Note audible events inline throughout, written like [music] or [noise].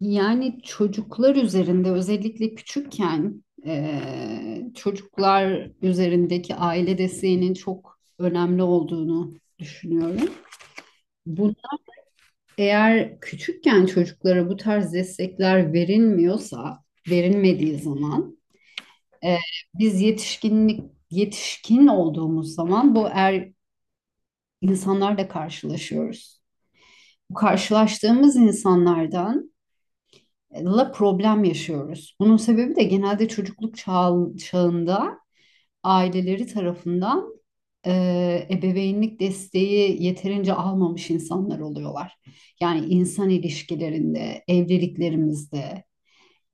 Yani çocuklar üzerinde özellikle küçükken çocuklar üzerindeki aile desteğinin çok önemli olduğunu düşünüyorum. Bunu eğer küçükken çocuklara bu tarz destekler verilmiyorsa, verilmediği zaman eee, biz yetişkin olduğumuz zaman bu er insanlarla karşılaşıyoruz. Bu karşılaştığımız insanlardan la problem yaşıyoruz. Bunun sebebi de genelde çağında aileleri tarafından ebeveynlik desteği yeterince almamış insanlar oluyorlar. Yani insan ilişkilerinde, evliliklerimizde,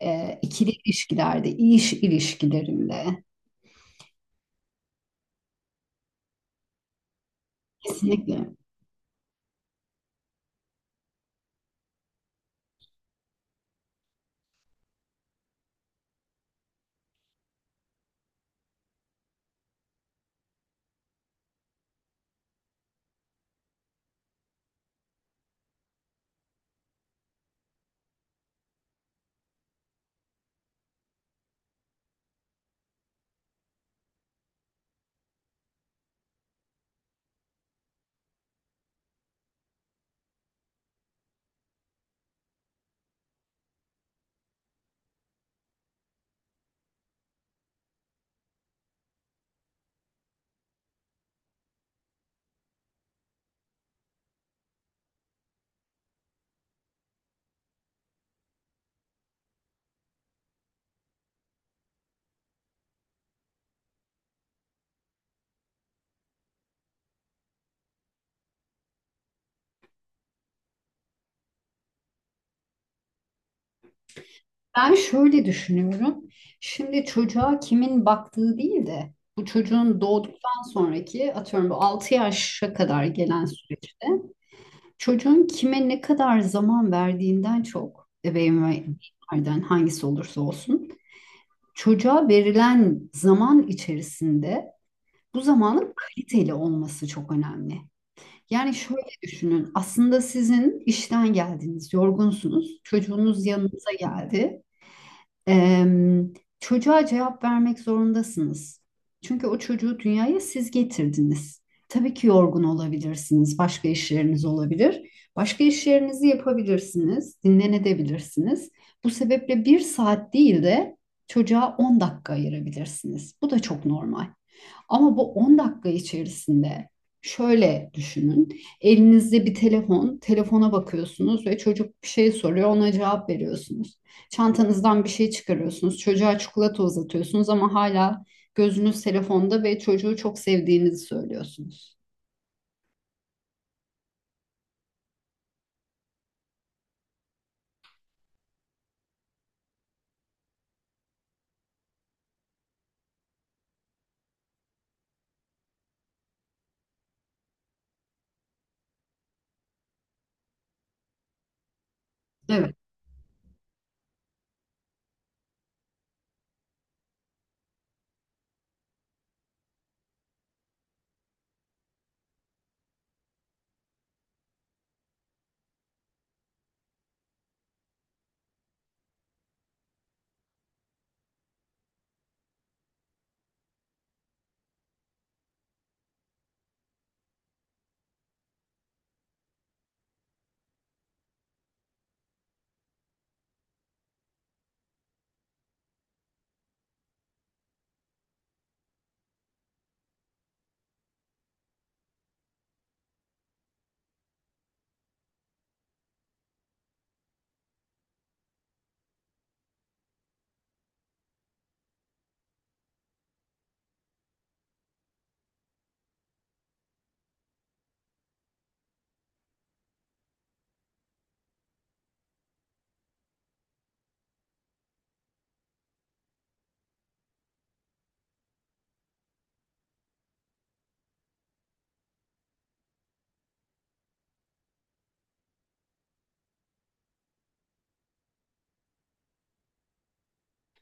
ikili ilişkilerde, iş ilişkilerinde kesinlikle. Ben şöyle düşünüyorum. Şimdi çocuğa kimin baktığı değil de bu çocuğun doğduktan sonraki atıyorum bu 6 yaşa kadar gelen süreçte çocuğun kime ne kadar zaman verdiğinden çok ebeveyn ve hı, ebeveynlerden hangisi olursa olsun çocuğa verilen zaman içerisinde bu zamanın kaliteli olması çok önemli. Yani şöyle düşünün, aslında sizin işten geldiniz, yorgunsunuz, çocuğunuz yanınıza geldi. Em, Çocuğa cevap vermek zorundasınız. Çünkü o çocuğu dünyaya siz getirdiniz. Tabii ki yorgun olabilirsiniz, başka işleriniz olabilir. Başka işlerinizi yapabilirsiniz, dinlenebilirsiniz. Bu sebeple bir saat değil de çocuğa 10 dakika ayırabilirsiniz. Bu da çok normal. Ama bu 10 dakika içerisinde şöyle düşünün. Elinizde bir telefon, telefona bakıyorsunuz ve çocuk bir şey soruyor, ona cevap veriyorsunuz. Çantanızdan bir şey çıkarıyorsunuz, çocuğa çikolata uzatıyorsunuz ama hala gözünüz telefonda ve çocuğu çok sevdiğinizi söylüyorsunuz. Evet.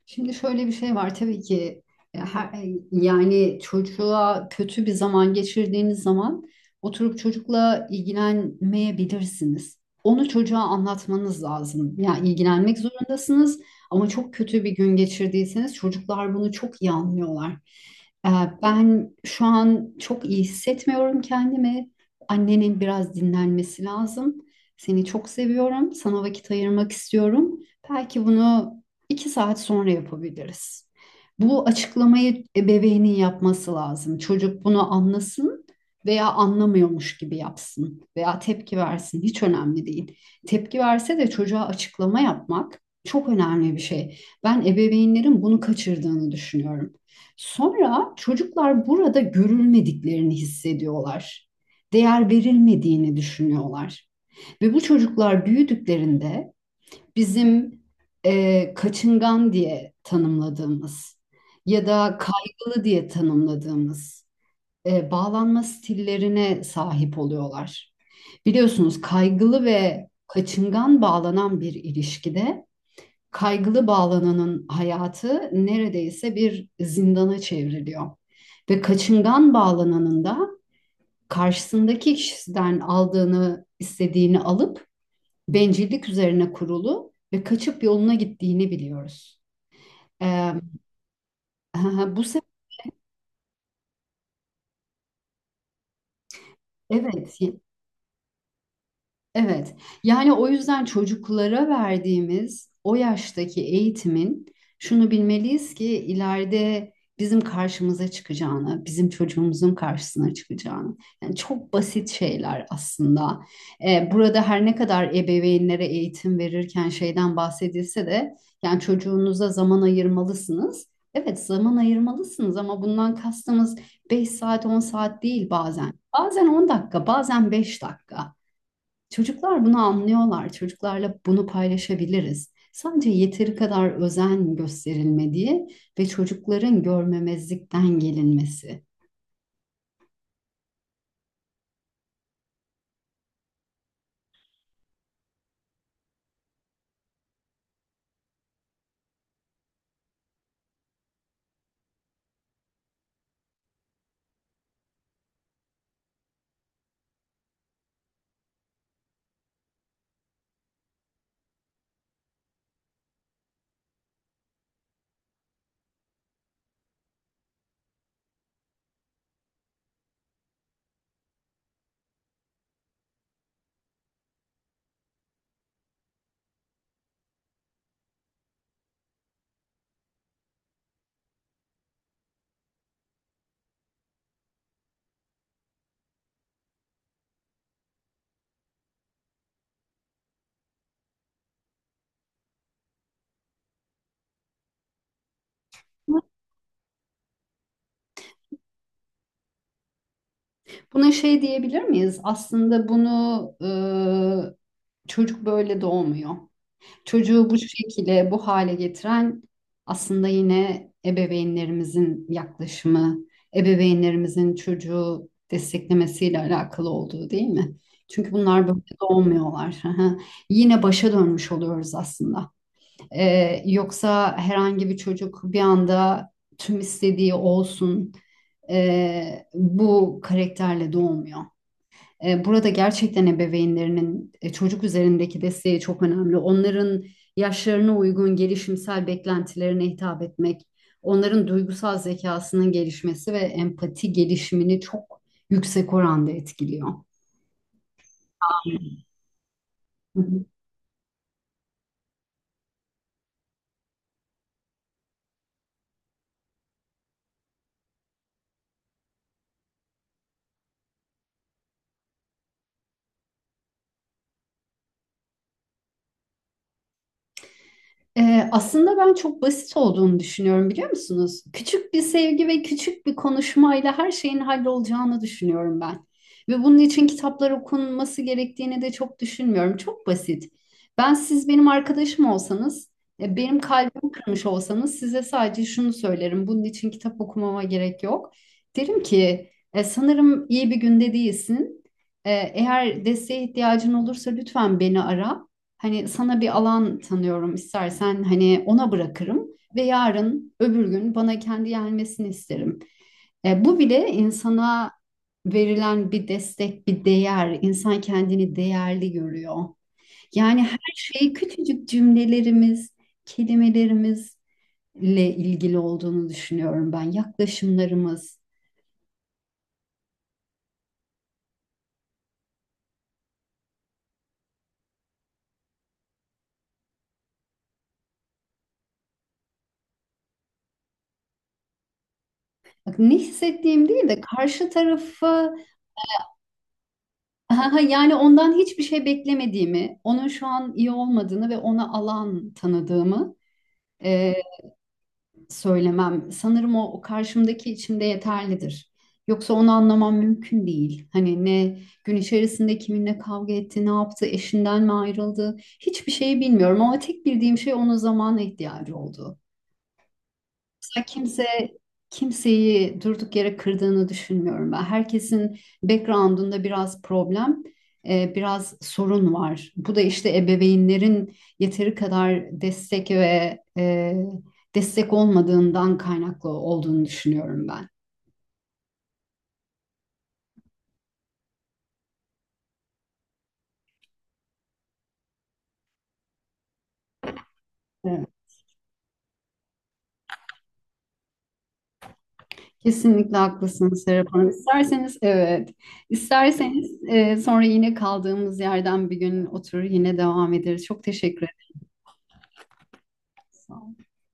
Şimdi şöyle bir şey var. Tabii ki yani çocuğa kötü bir zaman geçirdiğiniz zaman oturup çocukla ilgilenmeyebilirsiniz. Onu çocuğa anlatmanız lazım. Yani ilgilenmek zorundasınız ama çok kötü bir gün geçirdiyseniz çocuklar bunu çok iyi anlıyorlar. E, Ben şu an çok iyi hissetmiyorum kendimi. Annenin biraz dinlenmesi lazım. Seni çok seviyorum. Sana vakit ayırmak istiyorum. Belki bunu 2 saat sonra yapabiliriz. Bu açıklamayı ebeveynin yapması lazım. Çocuk bunu anlasın veya anlamıyormuş gibi yapsın veya tepki versin, hiç önemli değil. Tepki verse de çocuğa açıklama yapmak çok önemli bir şey. Ben ebeveynlerin bunu kaçırdığını düşünüyorum. Sonra çocuklar burada görülmediklerini hissediyorlar. Değer verilmediğini düşünüyorlar. Ve bu çocuklar büyüdüklerinde bizim kaçıngan diye tanımladığımız ya da kaygılı diye tanımladığımız bağlanma stillerine sahip oluyorlar. Biliyorsunuz, kaygılı ve kaçıngan bağlanan bir ilişkide kaygılı bağlananın hayatı neredeyse bir zindana çevriliyor. Ve kaçıngan bağlananın da karşısındaki kişiden aldığını, istediğini alıp bencillik üzerine kurulu ve kaçıp yoluna gittiğini biliyoruz. Ee, [laughs] bu sefer evet. Evet. Yani o yüzden çocuklara verdiğimiz o yaştaki eğitimin şunu bilmeliyiz ki ileride bizim karşımıza çıkacağını, bizim çocuğumuzun karşısına çıkacağını. Yani çok basit şeyler aslında. Burada her ne kadar ebeveynlere eğitim verirken şeyden bahsedilse de yani çocuğunuza zaman ayırmalısınız. Evet, zaman ayırmalısınız ama bundan kastımız 5 saat 10 saat değil bazen. Bazen 10 dakika, bazen 5 dakika. Çocuklar bunu anlıyorlar. Çocuklarla bunu paylaşabiliriz. Sadece yeteri kadar özen gösterilmediği ve çocukların görmemezlikten gelinmesi. Buna şey diyebilir miyiz? Aslında bunu çocuk böyle doğmuyor. Çocuğu bu şekilde, bu hale getiren aslında yine ebeveynlerimizin yaklaşımı, ebeveynlerimizin çocuğu desteklemesiyle alakalı olduğu, değil mi? Çünkü bunlar böyle doğmuyorlar. [laughs] Hı hı. Yine başa dönmüş oluyoruz aslında. Yoksa herhangi bir çocuk bir anda tüm istediği olsun, bu karakterle doğmuyor. Burada gerçekten ebeveynlerinin çocuk üzerindeki desteği çok önemli. Onların yaşlarına uygun gelişimsel beklentilerine hitap etmek, onların duygusal zekasının gelişmesi ve empati gelişimini çok yüksek oranda etkiliyor. Hı hı. Aslında ben çok basit olduğunu düşünüyorum, biliyor musunuz? Küçük bir sevgi ve küçük bir konuşmayla her şeyin hallolacağını düşünüyorum ben. Ve bunun için kitaplar okunması gerektiğini de çok düşünmüyorum. Çok basit. Ben, siz benim arkadaşım olsanız, benim kalbimi kırmış olsanız, size sadece şunu söylerim. Bunun için kitap okumama gerek yok. Derim ki "E, sanırım iyi bir günde değilsin. E, eğer desteğe ihtiyacın olursa lütfen beni ara. Hani sana bir alan tanıyorum, istersen hani ona bırakırım ve yarın öbür gün bana kendi gelmesini isterim. Bu bile insana verilen bir destek, bir değer. İnsan kendini değerli görüyor. Yani her şey küçücük cümlelerimiz, kelimelerimizle ilgili olduğunu düşünüyorum ben. Yaklaşımlarımız. Bak, ne hissettiğim değil de karşı tarafı. Ha, yani ondan hiçbir şey beklemediğimi, onun şu an iyi olmadığını ve ona alan tanıdığımı e, söylemem. Sanırım o karşımdaki içimde yeterlidir. Yoksa onu anlamam mümkün değil. Hani ne gün içerisinde kiminle kavga etti, ne yaptı, eşinden mi ayrıldı, hiçbir şeyi bilmiyorum. Ama tek bildiğim şey onun zamana ihtiyacı olduğu. Ya kimse kimseyi durduk yere kırdığını düşünmüyorum ben. Herkesin background'unda biraz problem, biraz sorun var. Bu da işte ebeveynlerin yeteri kadar destek olmadığından kaynaklı olduğunu düşünüyorum ben. Evet. Kesinlikle haklısınız Serap Hanım. İsterseniz evet, isterseniz sonra yine kaldığımız yerden bir gün oturur yine devam ederiz. Çok teşekkür ederim. Sağ olun.